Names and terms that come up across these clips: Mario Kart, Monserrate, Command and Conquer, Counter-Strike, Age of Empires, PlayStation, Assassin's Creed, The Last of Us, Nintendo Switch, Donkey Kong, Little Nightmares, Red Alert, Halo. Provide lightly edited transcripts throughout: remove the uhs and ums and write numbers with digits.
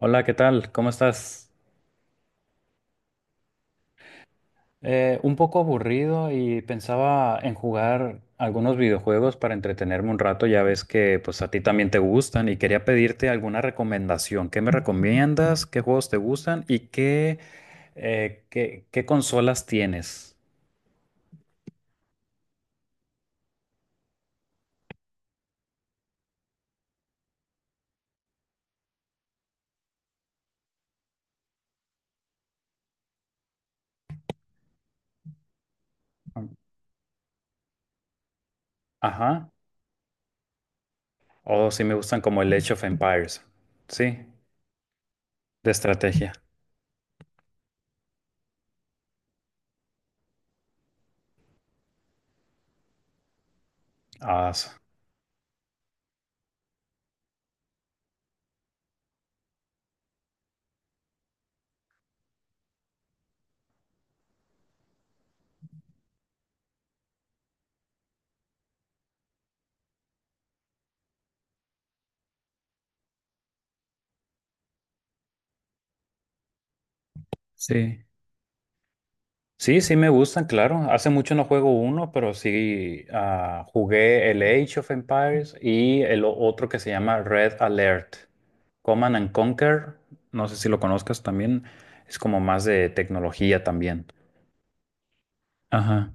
Hola, ¿qué tal? ¿Cómo estás? Un poco aburrido y pensaba en jugar algunos videojuegos para entretenerme un rato. Ya ves que pues a ti también te gustan y quería pedirte alguna recomendación. ¿Qué me recomiendas? ¿Qué juegos te gustan? ¿Y qué consolas tienes? Ajá. O si me gustan como el Age of Empires. Sí, de estrategia. Ah, sí. Sí, sí me gustan, claro. Hace mucho no juego uno, pero sí jugué el Age of Empires y el otro que se llama Red Alert. Command and Conquer, no sé si lo conozcas también, es como más de tecnología también. Ajá.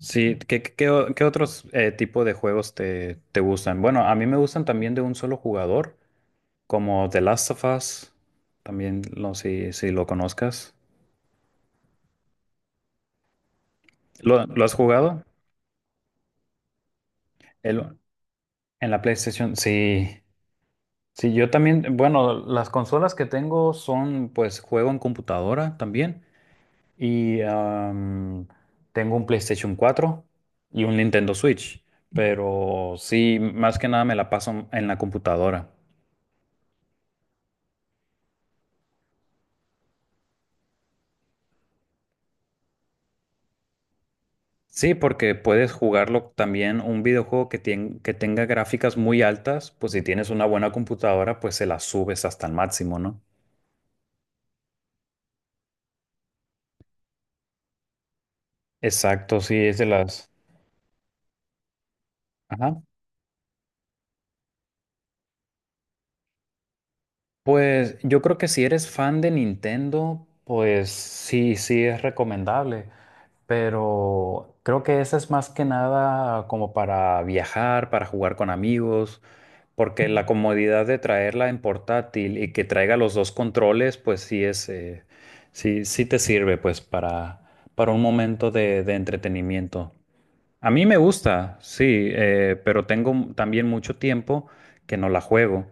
Sí, ¿qué otros tipo de juegos te gustan? Bueno, a mí me gustan también de un solo jugador, como The Last of Us, también no sé si, lo conozcas. ¿Lo has jugado? El- en la PlayStation, sí. Sí, yo también, bueno, las consolas que tengo son, pues, juego en computadora también. Y tengo un PlayStation 4 y un Nintendo Switch. Pero sí, más que nada me la paso en la computadora. Sí, porque puedes jugarlo también un videojuego que tenga gráficas muy altas, pues si tienes una buena computadora, pues se la subes hasta el máximo, ¿no? Exacto, sí, es de las. Ajá. Pues yo creo que si eres fan de Nintendo, pues sí, sí es recomendable, pero creo que esa es más que nada como para viajar, para jugar con amigos, porque la comodidad de traerla en portátil y que traiga los dos controles, pues sí es, sí, sí te sirve pues para un momento de entretenimiento. A mí me gusta, sí, pero tengo también mucho tiempo que no la juego.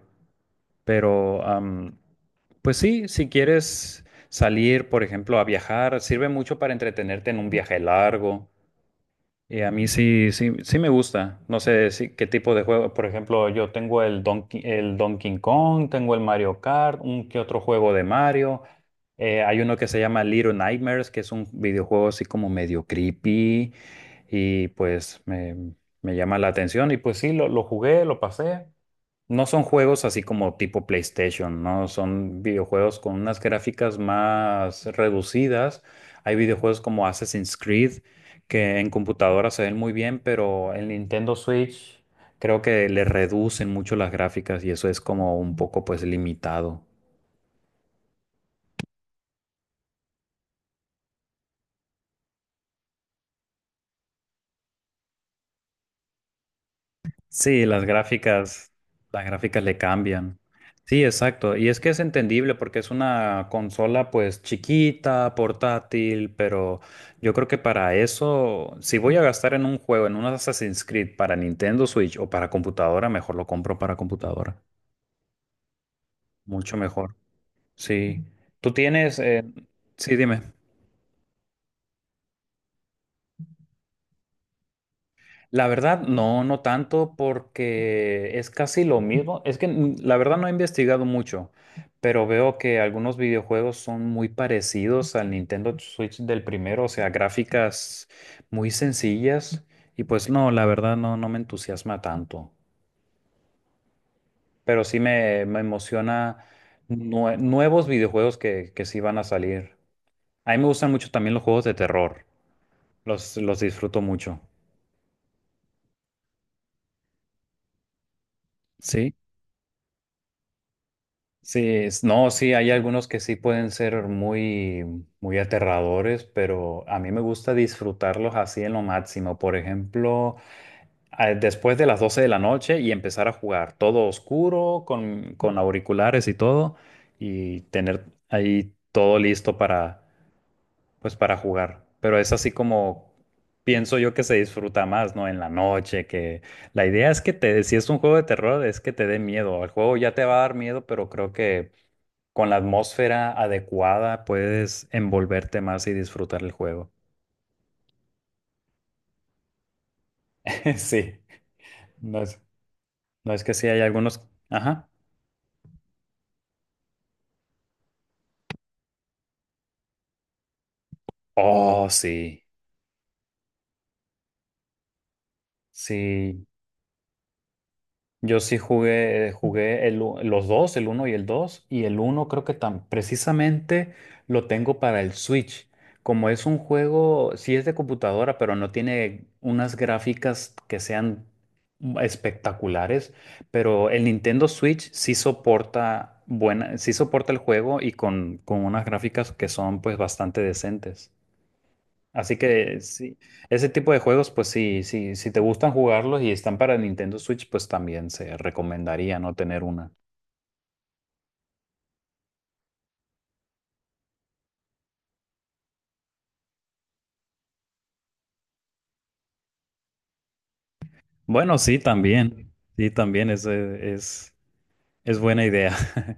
Pero, pues sí, si quieres salir, por ejemplo, a viajar, sirve mucho para entretenerte en un viaje largo. Y a mí sí, sí, sí me gusta. No sé si, qué tipo de juego. Por ejemplo, yo tengo el Donkey Kong, tengo el Mario Kart, un que otro juego de Mario. Hay uno que se llama Little Nightmares, que es un videojuego así como medio creepy. Y pues me llama la atención. Y pues sí, lo jugué, lo pasé. No son juegos así como tipo PlayStation, ¿no? Son videojuegos con unas gráficas más reducidas. Hay videojuegos como Assassin's Creed que en computadora se ven muy bien, pero en Nintendo Switch creo que le reducen mucho las gráficas y eso es como un poco pues limitado. Sí, las gráficas le cambian. Sí, exacto. Y es que es entendible porque es una consola pues chiquita, portátil, pero yo creo que para eso, si voy a gastar en un juego, en un Assassin's Creed para Nintendo Switch o para computadora, mejor lo compro para computadora. Mucho mejor. Sí. Tú tienes, sí, dime. La verdad, no, no tanto, porque es casi lo mismo. Es que la verdad no he investigado mucho, pero veo que algunos videojuegos son muy parecidos al Nintendo Switch del primero, o sea, gráficas muy sencillas. Y pues no, la verdad no me entusiasma tanto. Pero sí me emociona nuevos videojuegos que sí van a salir. A mí me gustan mucho también los juegos de terror. Los disfruto mucho. Sí, sí, no, sí, hay algunos que sí pueden ser muy, muy aterradores, pero a mí me gusta disfrutarlos así en lo máximo. Por ejemplo, después de las 12 de la noche y empezar a jugar todo oscuro, con auriculares y todo, y tener ahí todo listo para jugar. Pero es así como pienso yo que se disfruta más, ¿no? En la noche, que la idea es que te, si es un juego de terror, es que te dé miedo. El juego ya te va a dar miedo, pero creo que con la atmósfera adecuada puedes envolverte más y disfrutar el juego. Sí, no es, no es que sí hay algunos. Ajá. Oh, sí. Sí, yo sí jugué, los dos, el uno y el 2 y el uno creo que tan precisamente lo tengo para el Switch. Como es un juego, sí es de computadora, pero no tiene unas gráficas que sean espectaculares, pero el Nintendo Switch sí soporta buena, sí soporta el juego y con unas gráficas que son pues bastante decentes. Así que sí, ese tipo de juegos, pues sí, sí, si te gustan jugarlos y están para Nintendo Switch, pues también se recomendaría no tener una. Bueno, sí, también. Sí, también es buena idea.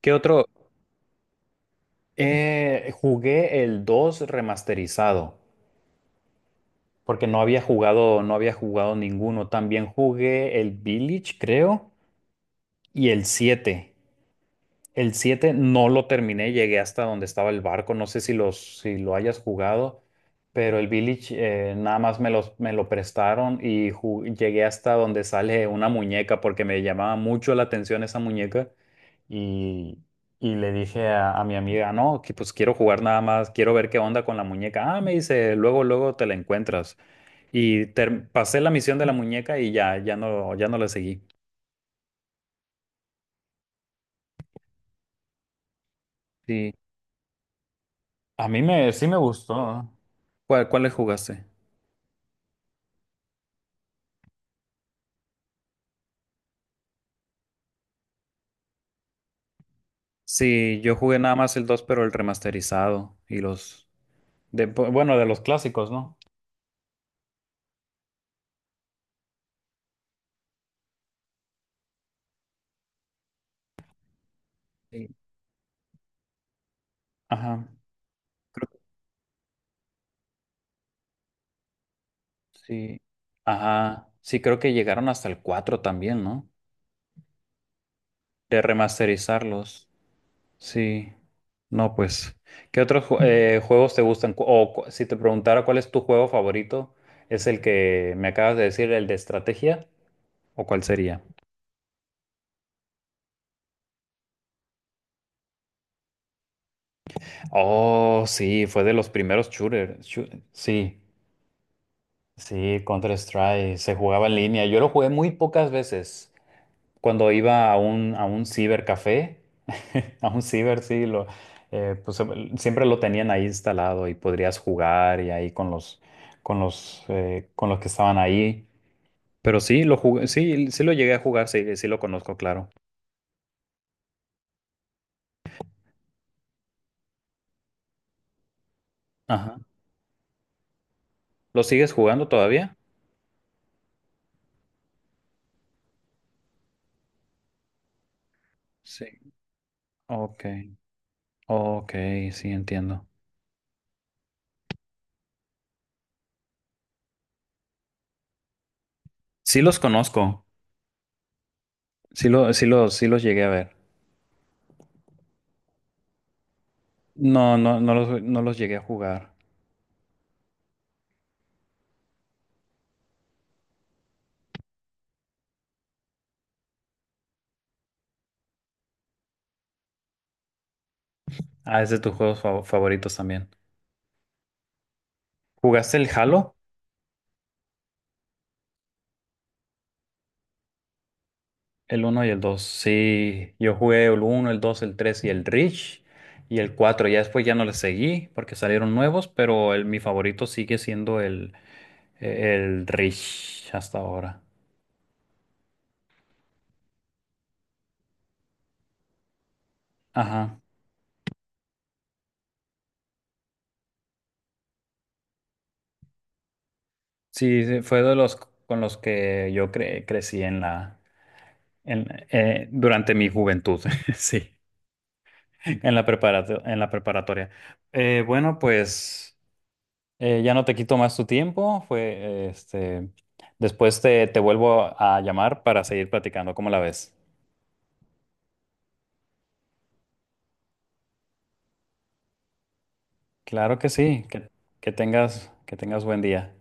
¿Qué otro? Jugué el 2 remasterizado, porque no había jugado ninguno. También jugué el Village, creo, y el 7. El 7 no lo terminé, llegué hasta donde estaba el barco, no sé si, si lo hayas jugado, pero el Village nada más me lo prestaron y llegué hasta donde sale una muñeca porque me llamaba mucho la atención esa muñeca y, y le dije a mi amiga, no, que pues quiero jugar nada más, quiero ver qué onda con la muñeca. Ah, me dice, luego, luego te la encuentras. Y pasé la misión de la muñeca y ya no la seguí. Sí, a mí sí me gustó. ¿Cuál le jugaste? Sí, yo jugué nada más el 2, pero el remasterizado y los. De, bueno, de los clásicos, ¿no? Sí. Ajá, creo que sí. Ajá, sí, creo que llegaron hasta el 4 también, ¿no? De remasterizarlos. Sí. No, pues, ¿qué otros juegos te gustan? Si te preguntara cuál es tu juego favorito, ¿es el que me acabas de decir, el de estrategia? ¿O cuál sería? Oh, sí, fue de los primeros shooters. Sí, sí, Counter-Strike. Se jugaba en línea. Yo lo jugué muy pocas veces. Cuando iba a un cibercafé, sí, pues siempre lo tenían ahí instalado y podrías jugar y ahí con los que estaban ahí. Pero sí, lo jugué, sí, sí lo llegué a jugar, sí, sí lo conozco, claro. Ajá. ¿Lo sigues jugando todavía? Sí. Ok, ok, sí, entiendo. Sí los conozco, sí, sí los llegué a ver. No, no, no los llegué a jugar. Ah, es de tus juegos favoritos también. ¿Jugaste el Halo? El uno y el 2. Sí, yo jugué el uno, el 2, el 3 y el Reach y el 4. Ya después ya no les seguí porque salieron nuevos, pero el, mi favorito sigue siendo el Reach hasta ahora. Ajá. Sí, sí, fue de los con los que yo crecí durante mi juventud. Sí. En la preparatoria. Bueno, pues ya no te quito más tu tiempo. Fue, después te vuelvo a llamar para seguir platicando. ¿Cómo la ves? Claro que sí. Que tengas buen día.